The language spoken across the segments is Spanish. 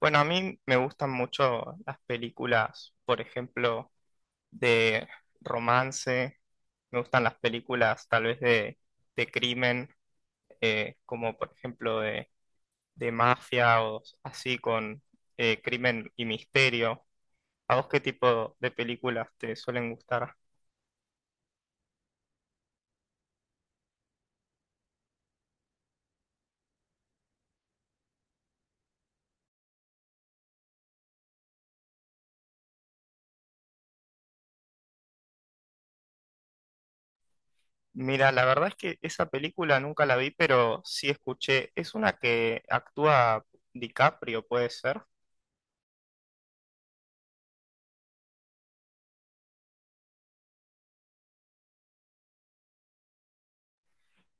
Bueno, a mí me gustan mucho las películas, por ejemplo, de romance. Me gustan las películas tal vez de crimen, como por ejemplo de mafia o así con crimen y misterio. ¿A vos qué tipo de películas te suelen gustar? Mira, la verdad es que esa película nunca la vi, pero sí escuché. Es una que actúa DiCaprio, puede ser.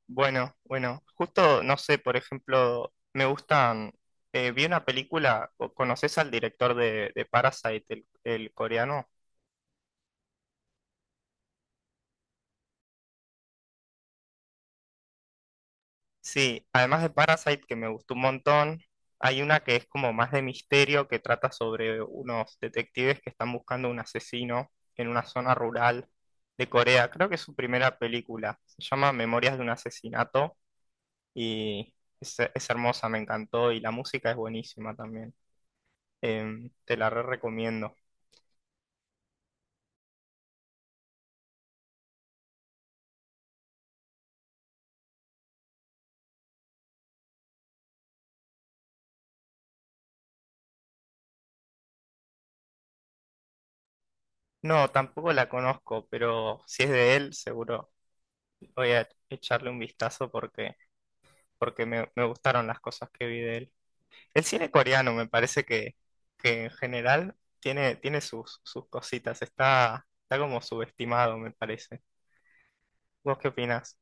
Bueno, bueno, justo, no sé, por ejemplo, me gustan, vi una película, ¿o ¿conoces al director de Parasite, el coreano? Sí, además de Parasite, que me gustó un montón, hay una que es como más de misterio, que trata sobre unos detectives que están buscando un asesino en una zona rural de Corea. Creo que es su primera película, se llama Memorias de un asesinato y es hermosa, me encantó y la música es buenísima también. Te la re recomiendo. No, tampoco la conozco, pero si es de él, seguro voy a echarle un vistazo porque, porque me gustaron las cosas que vi de él. El cine coreano me parece que en general tiene, tiene sus cositas, está, está como subestimado, me parece. ¿Vos qué opinás?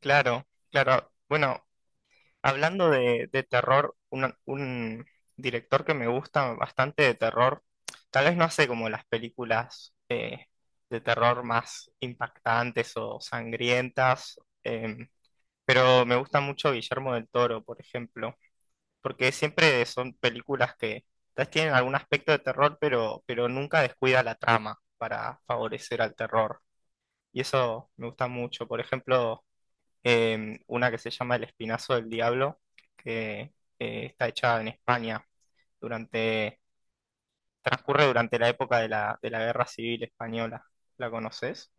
Claro, claro. Bueno, hablando de terror, un director que me gusta bastante de terror, tal vez no hace como las películas de terror más impactantes o sangrientas, pero me gusta mucho Guillermo del Toro, por ejemplo, porque siempre son películas que tal vez tienen algún aspecto de terror, pero nunca descuida la trama para favorecer al terror. Y eso me gusta mucho. Por ejemplo, una que se llama El Espinazo del Diablo, que está hecha en España durante, transcurre durante la época de de la Guerra Civil Española. ¿La conoces?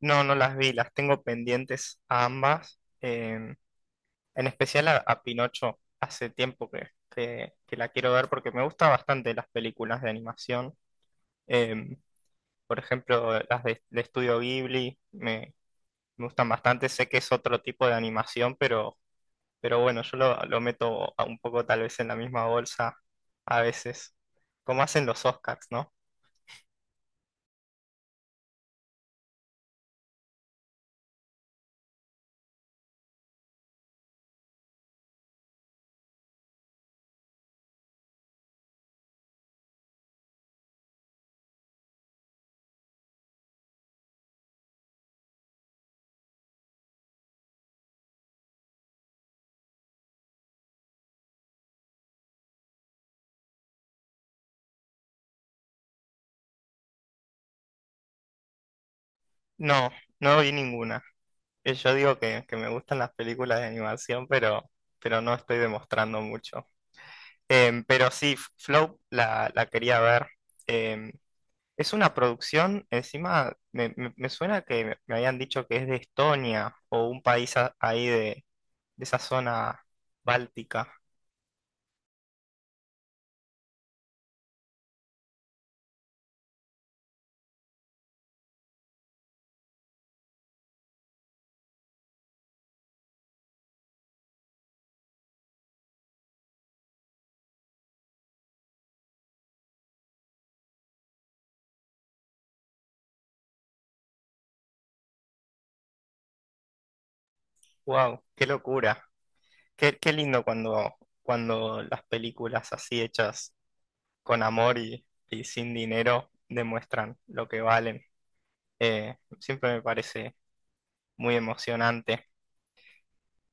No, no las vi, las tengo pendientes a ambas, en especial a Pinocho. Hace tiempo que la quiero ver porque me gustan bastante las películas de animación. Eh, por ejemplo, las de Estudio Ghibli me gustan bastante. Sé que es otro tipo de animación, pero bueno, yo lo meto a un poco tal vez en la misma bolsa a veces, como hacen los Oscars, ¿no? No, no vi ninguna. Yo digo que me gustan las películas de animación, pero no estoy demostrando mucho. Pero sí, Flow la quería ver. Em, es una producción, encima me suena que me habían dicho que es de Estonia o un país ahí de esa zona báltica. ¡Wow! ¡Qué locura! Qué, qué lindo cuando, cuando las películas así hechas con amor y sin dinero demuestran lo que valen. Siempre me parece muy emocionante.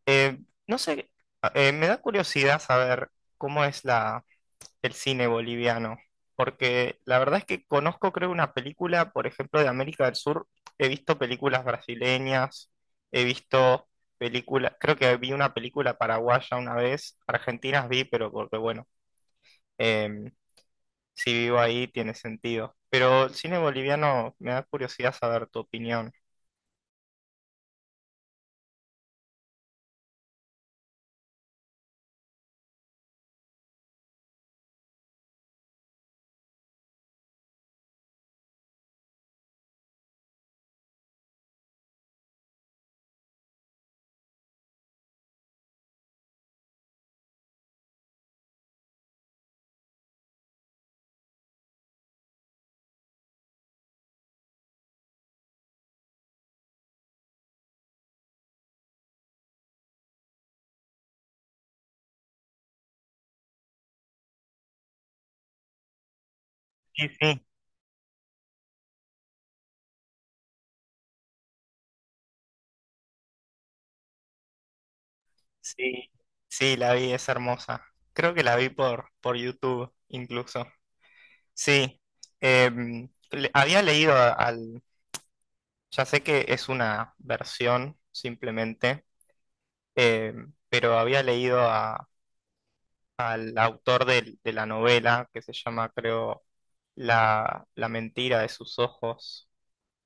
Eh, no sé, me da curiosidad saber cómo es el cine boliviano, porque la verdad es que conozco, creo, una película, por ejemplo, de América del Sur. He visto películas brasileñas, he visto... películas, creo que vi una película paraguaya una vez, argentinas vi, pero porque bueno, em, si vivo ahí tiene sentido. Pero el cine boliviano me da curiosidad saber tu opinión. Sí, sí, sí. Sí, la vi, es hermosa. Creo que la vi por YouTube incluso. Sí, había leído al... Ya sé que es una versión simplemente, pero había leído al autor de, la novela que se llama, creo, La mentira de sus ojos.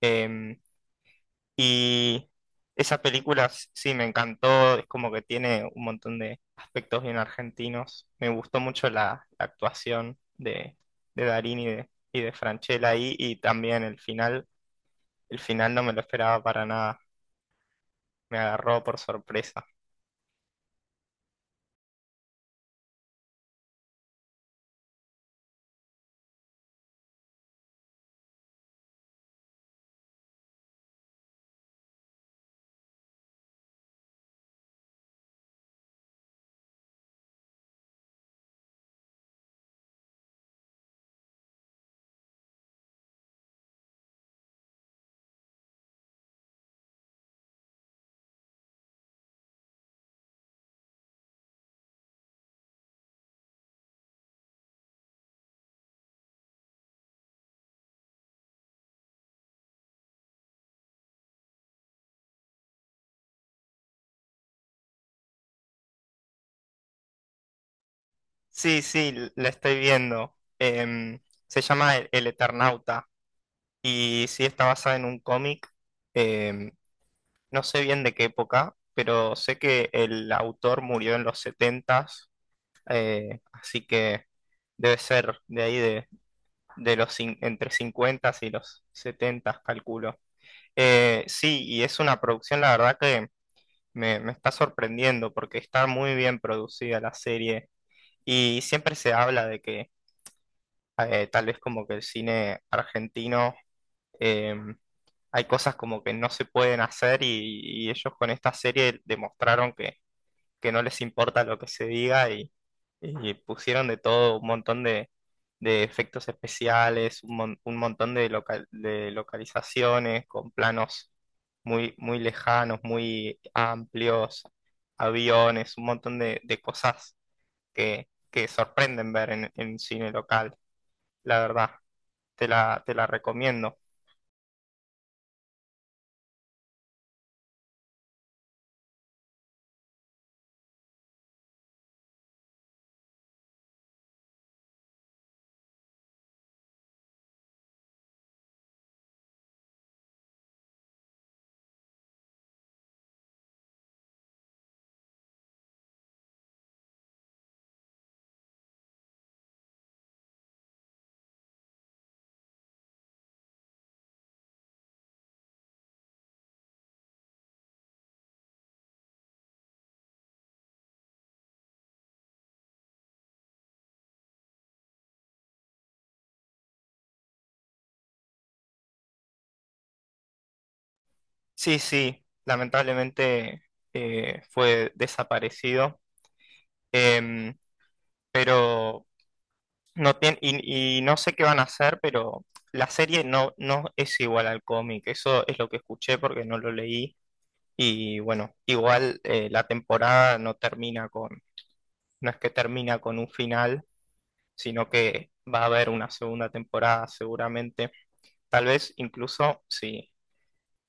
Em, Y esa película sí me encantó, es como que tiene un montón de aspectos bien argentinos. Me gustó mucho la actuación de Darín y de Francella ahí, y también el final. El final no me lo esperaba para nada, me agarró por sorpresa. Sí, sí, la estoy viendo. Em, Se llama El Eternauta y sí está basada en un cómic. Em, no sé bien de qué época, pero sé que el autor murió en los 70, así que debe ser de ahí de los entre 50 y los 70 calculo. Sí, y es una producción, la verdad que me está sorprendiendo porque está muy bien producida la serie y siempre se habla de que tal vez como que el cine argentino... em, hay cosas como que no se pueden hacer y ellos con esta serie demostraron que no les importa lo que se diga y pusieron de todo, un montón de efectos especiales, un montón de, de localizaciones con planos muy, muy lejanos, muy amplios, aviones, un montón de cosas que sorprenden ver en cine local, la verdad, te la recomiendo. Sí, sí, lamentablemente fue desaparecido, em, pero... No tiene, y no sé qué van a hacer, pero la serie no, no es igual al cómic. Eso es lo que escuché porque no lo leí. Y bueno, igual la temporada no termina con, no es que termina con un final, sino que va a haber una segunda temporada seguramente. Tal vez incluso si,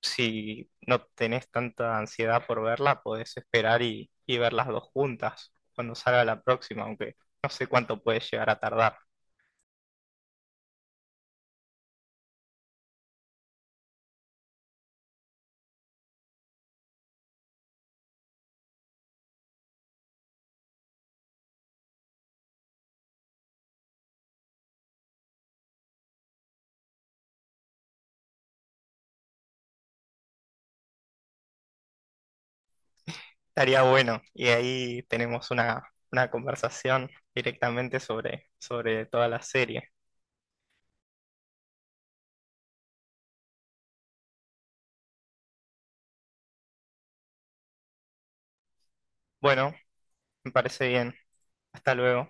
si no tenés tanta ansiedad por verla, podés esperar y ver las dos juntas cuando salga la próxima, aunque no sé cuánto puede llegar a tardar. Estaría bueno. Y ahí tenemos una conversación directamente sobre, sobre toda la serie. Bueno, me parece bien. Hasta luego.